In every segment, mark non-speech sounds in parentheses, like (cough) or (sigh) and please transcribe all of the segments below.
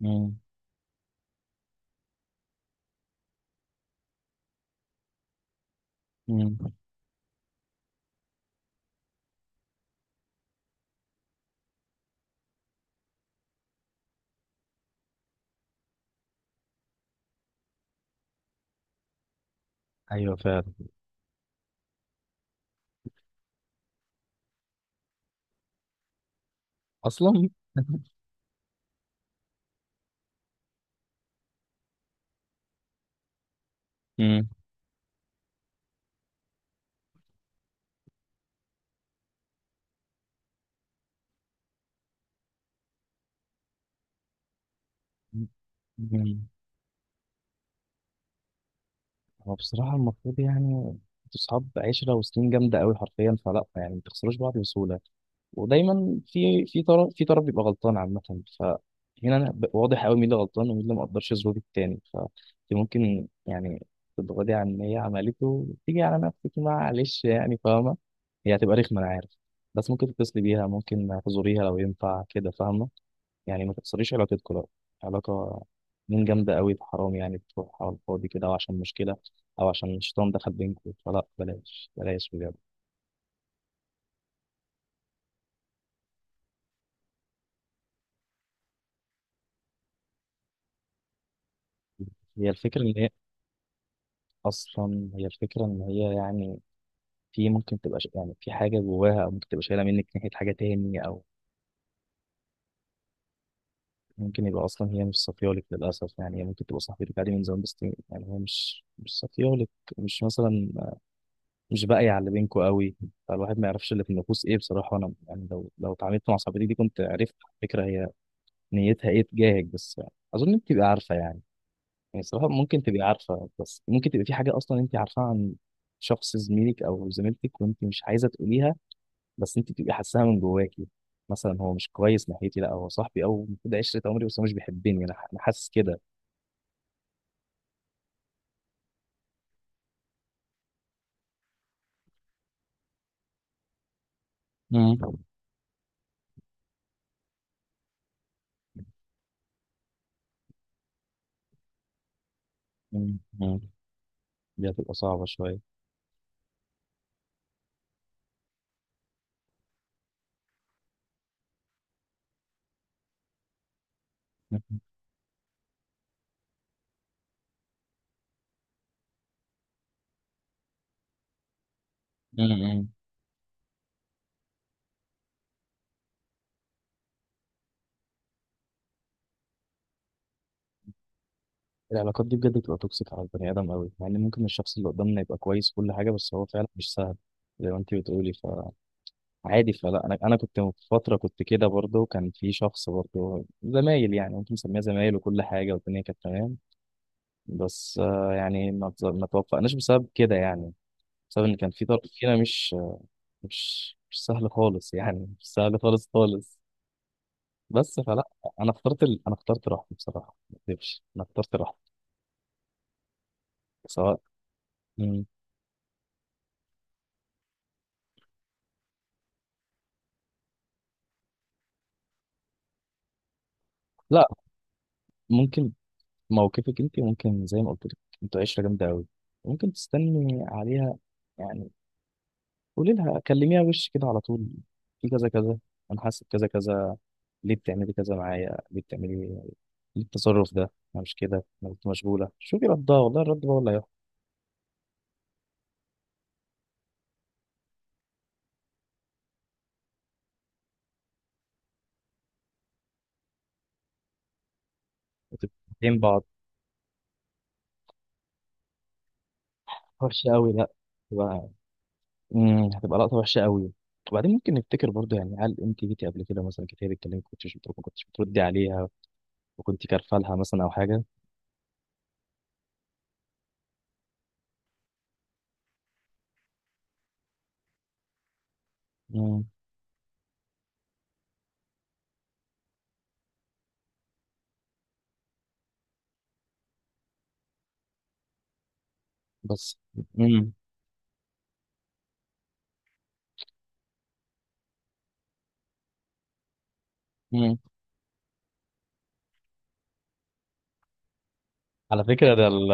مم. مم. ايوه، فعلا. اصلا. (laughs) مم. مم. هو بصراحه المفروض يعني انتوا اصحاب عشره وسنين جامده قوي حرفيا، فلا يعني ما تخسروش بعض بسهوله. ودايما في طرف في طرف بيبقى غلطان عامه. فهنا انا واضح قوي مين اللي غلطان ومين اللي ما قدرش يظبط التاني. فانت ممكن يعني تتغاضي عن اللي هي عملته وتيجي على نفسك، معلش يعني، فاهمه؟ هي هتبقى رخمه انا عارف، بس ممكن تتصلي بيها، ممكن تزوريها لو ينفع كده، فاهمه؟ يعني ما تكسريش علاقتكم، لا. علاقة من جامدة قوي، في حرام، يعني بتروح على الفاضي كده أو عشان مشكلة أو عشان الشيطان دخل بينكم، فلا، بلاش بلاش بجد. هي الفكرة إن هي أصلا هي الفكرة إن هي يعني في، ممكن تبقى يعني في حاجة جواها، أو ممكن تبقى شايلة منك ناحية حاجة تاني، أو ممكن يبقى أصلا هي مش صافيالك للأسف. يعني هي ممكن تبقى صاحبتك عادي من زمان، بس يعني هي مش صافيالك، مش مثلا مش باقي على اللي بينكوا قوي. فالواحد ما يعرفش اللي في النفوس ايه، بصراحه انا يعني لو اتعاملت مع صاحبتي دي كنت عرفت، على فكره، هي نيتها ايه تجاهك. بس يعني اظن انت تبقي عارفه يعني، يعني صراحه ممكن تبقي عارفه. بس ممكن تبقى في حاجه اصلا انت عارفاها عن شخص زميلك او زميلتك وانت مش عايزه تقوليها، بس انت بتبقي حاساها من جواكي. مثلا هو مش كويس ناحيتي، لا هو صاحبي او المفروض عشره عمري، بس هو مش بيحبني، انا أنا حاسس كده. مم. مم. مم. دي هتبقى صعبه شويه. مم. مم. العلاقات دي بجد بتبقى توكسيك على البني ادم قوي، مع ان ممكن الشخص اللي قدامنا يبقى كويس كل حاجه، بس هو فعلا مش سهل، زي ما انت بتقولي. فعادي، فلا، انا كنت في فتره كنت كده برضه، كان في شخص برضه زمايل، يعني ممكن نسميها زمايل، وكل حاجه والدنيا كانت تمام. بس يعني ما توفقناش بسبب كده يعني، بسبب ان كان في طرف فينا مش سهل خالص، يعني مش سهل خالص خالص. بس فلا، انا اخترت راحتي بصراحه، ما اكذبش، انا اخترت راحتي، سواء. مم. لا ممكن، موقفك انت ممكن زي ما قلت لك، انتوا عشره جامده قوي، ممكن تستني عليها. يعني قولي لها، كلميها وش كده على طول: في كذا كذا، انا حاسس بكذا كذا، ليه بتعملي كذا معايا، ليه بتعملي، ليه التصرف ده، انا مش كده، انا كنت مشغوله. شوفي ردها والله، الرد بقى ولا هتبقى بين بعض وحشه قوي. لا، هتبقى هتبقى لقطه وحشه قوي. وبعدين ممكن نفتكر برضه، يعني هل انت جيتي قبل كده مثلا كتير بتكلمك ما كنتش بتردي عليها وكنت كارفه لها مثلا او حاجه؟ مم، بس مم. مم. على فكرة،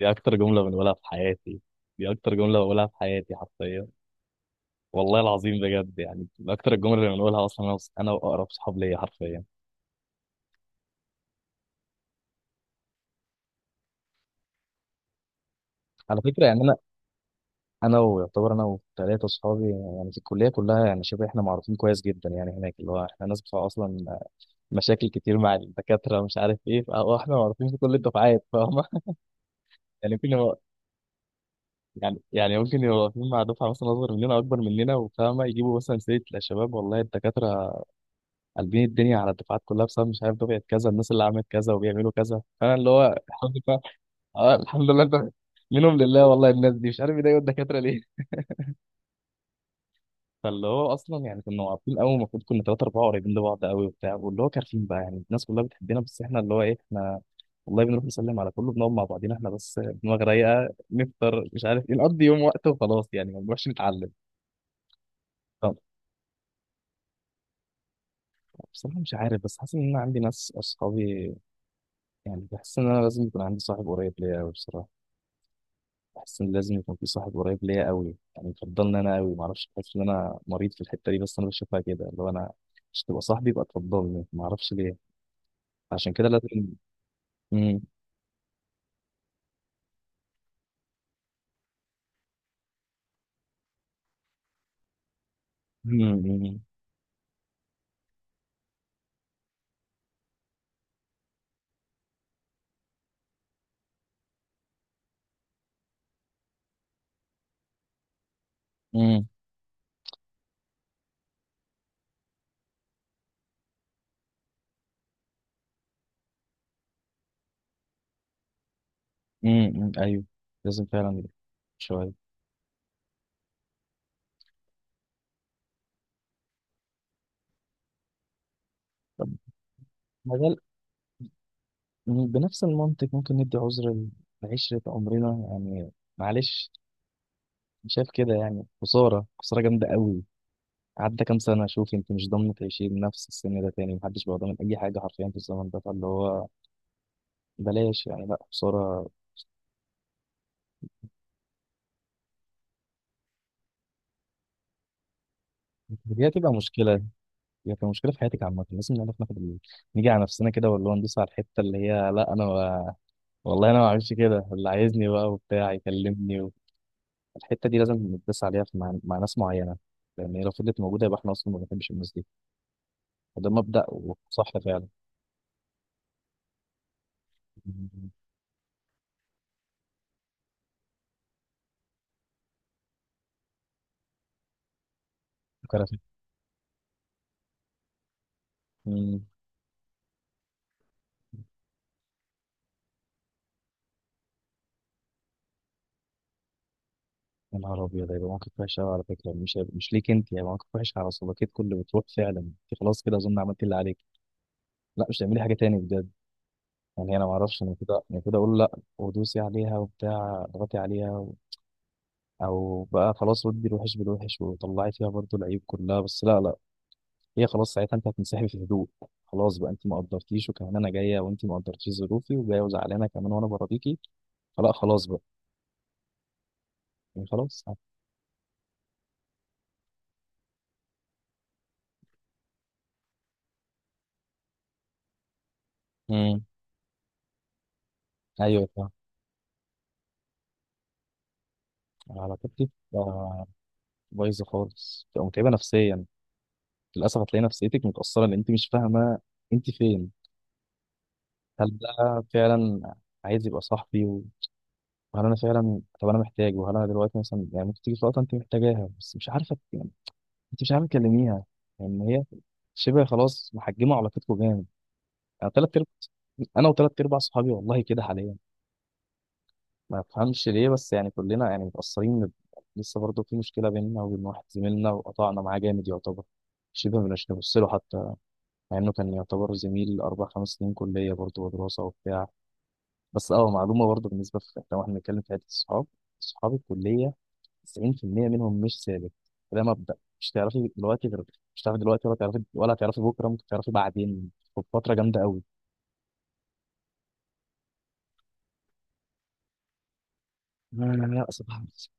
دي أكتر جملة بنقولها في حياتي، دي أكتر جملة بقولها في حياتي حرفيا، والله العظيم بجد، يعني من أكتر الجمل اللي بنقولها أصلا أنا أنا وأقرب صحاب ليا حرفيا. على فكرة يعني أنا ويعتبر أنا وثلاثة صحابي يعني في الكلية كلها، يعني شبه إحنا معروفين كويس جدا يعني هناك، اللي هو إحنا ناس بتوع أصلا مشاكل كتير مع الدكاترة، مش عارف إيه، فهو إحنا معروفين في كل الدفعات، فاهمة؟ (laughs) يعني ممكن يبقى يعني يعني ممكن يبقوا واقفين مع دفعة مثلا أصغر مننا أكبر مننا، وفاهمة يجيبوا مثلا سيرة: لا شباب، والله الدكاترة قلبين الدنيا على الدفعات كلها بسبب مش عارف دفعه كذا، الناس اللي عملت كذا وبيعملوا كذا، فانا اللي هو الحمد لله. اه الحمد لله. انت منهم لله، والله الناس دي مش عارف يضايقوا الدكاتره ليه. (laughs) فاللي هو اصلا، يعني كنا واقفين قوي، المفروض كنا 3 4 قريبين لبعض قوي وبتاع، واللي هو كارفين بقى، يعني الناس كلها بتحبنا، بس احنا اللي هو ايه، احنا والله بنروح نسلم على كله، بنقعد مع بعضينا احنا بس، دماغ رايقه، نفطر، مش عارف ايه، نقضي يوم وقت وخلاص، يعني ما بنروحش نتعلم. طب بصراحه مش عارف، بس حاسس ان انا عندي ناس اصحابي، يعني بحس ان انا لازم يكون عندي صاحب قريب ليا قوي بصراحه، بحس ان لازم يكون في صاحب قريب ليا قوي، يعني يفضلني انا قوي، معرفش، بحس ان انا مريض في الحته دي، بس انا بشوفها كده، اللي هو انا مش تبقى صاحبي يبقى تفضلني، معرفش ليه، عشان كده لازم. امم امم امم ايوه، لازم فعلا شويه. طب مجال، بنفس المنطق ممكن ندي عذر لعشرة عمرنا يعني، معلش، مش شايف كده؟ يعني خسارة خسارة جامدة قوي. عدى كام سنة، شوف انت مش ضامن تعيشي بنفس السن ده تاني، محدش بقى ضامن أي حاجة حرفيا في الزمن ده، فاللي هو بلاش يعني، لا بصورة. دي هتبقى مشكلة، دي هتبقى مشكلة في حياتك عامة، لازم نعرف نيجي على نفسنا كده، ولا هو ندوس على الحتة اللي هي: لا أنا ما... والله أنا ما أعملش كده، اللي عايزني بقى وبتاع يكلمني الحتة دي لازم ندوس عليها مع ناس معينة. لأن هي لو فضلت موجودة يبقى إحنا أصلا ما بنحبش الناس دي، وده مبدأ وصح فعلا. مم. كرفت. مم. يا نهار أبيض، هيبقى موقف وحش أوي. على فكرة مش ليك أنت، هيبقى موقف وحش على صداقتكم اللي بتروح. فعلا أنت خلاص كده أظن عملت اللي عليك، لا مش هتعملي حاجة تاني بجد. يعني انا ما اعرفش، انا كده اقول لا ودوسي عليها وبتاع اضغطي عليها او بقى خلاص ودي الوحش بالوحش وطلعي فيها برضو العيب كلها، بس لا لا. هي خلاص ساعتها انت هتنسحبي في هدوء، خلاص بقى، انت ما قدرتيش وكمان انا جايه، وانت ما قدرتيش ظروفي وجايه وزعلانه كمان وانا برضيكي، فلا خلاص بقى، يعني خلاص. امم ايوه فاهم. علاقتك آه، بايظه خالص، بتبقى متعبه نفسيا، للاسف هتلاقي نفسيتك متاثره لان انت مش فاهمه انت فين، هل ده فعلا عايز يبقى صاحبي، هل انا فعلا، طب انا محتاج، وهل انا دلوقتي مثلا، يعني ممكن تيجي في وقت انت محتاجاها بس مش عارفه، يعني انت مش عارفه تكلميها، يعني هي شبه خلاص محجمه علاقتكم جامد. انا ثلاث ارب... انا وثلاث ارباع صحابي والله كده حاليا، ما بفهمش ليه، بس يعني كلنا يعني متاثرين، لسه برضه في مشكله بيننا وبين واحد زميلنا، وقطعنا معاه جامد يعتبر، شبه مش نبص له حتى، مع انه كان يعتبر زميل 4 5 سنين كليه برضه ودراسه وبتاع. بس معلومه برضه بالنسبه في، لو احنا بنتكلم في حته الصحاب، صحاب الكليه 90% منهم مش ثابت. ده مبدأ، مش تعرفي دلوقتي غير، مش تعرفي دلوقتي ولا تعرفي ولا تعرفي بكره، ممكن تعرفي بعدين وفتره جامده قوي. لا لا لا، سبحان الله، ان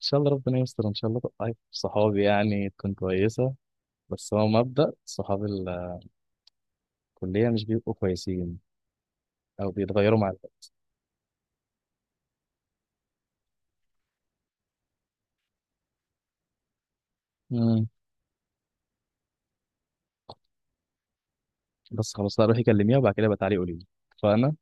شاء الله ربنا يستر، ان شاء الله طيب، صحابي يعني تكون كويسه، بس هو مبدأ صحاب الكليه مش بيبقوا كويسين او بيتغيروا مع الوقت. مم. بس خلاص، لا روحي كلميها وبعد كده بتعالي قولي لي، فانا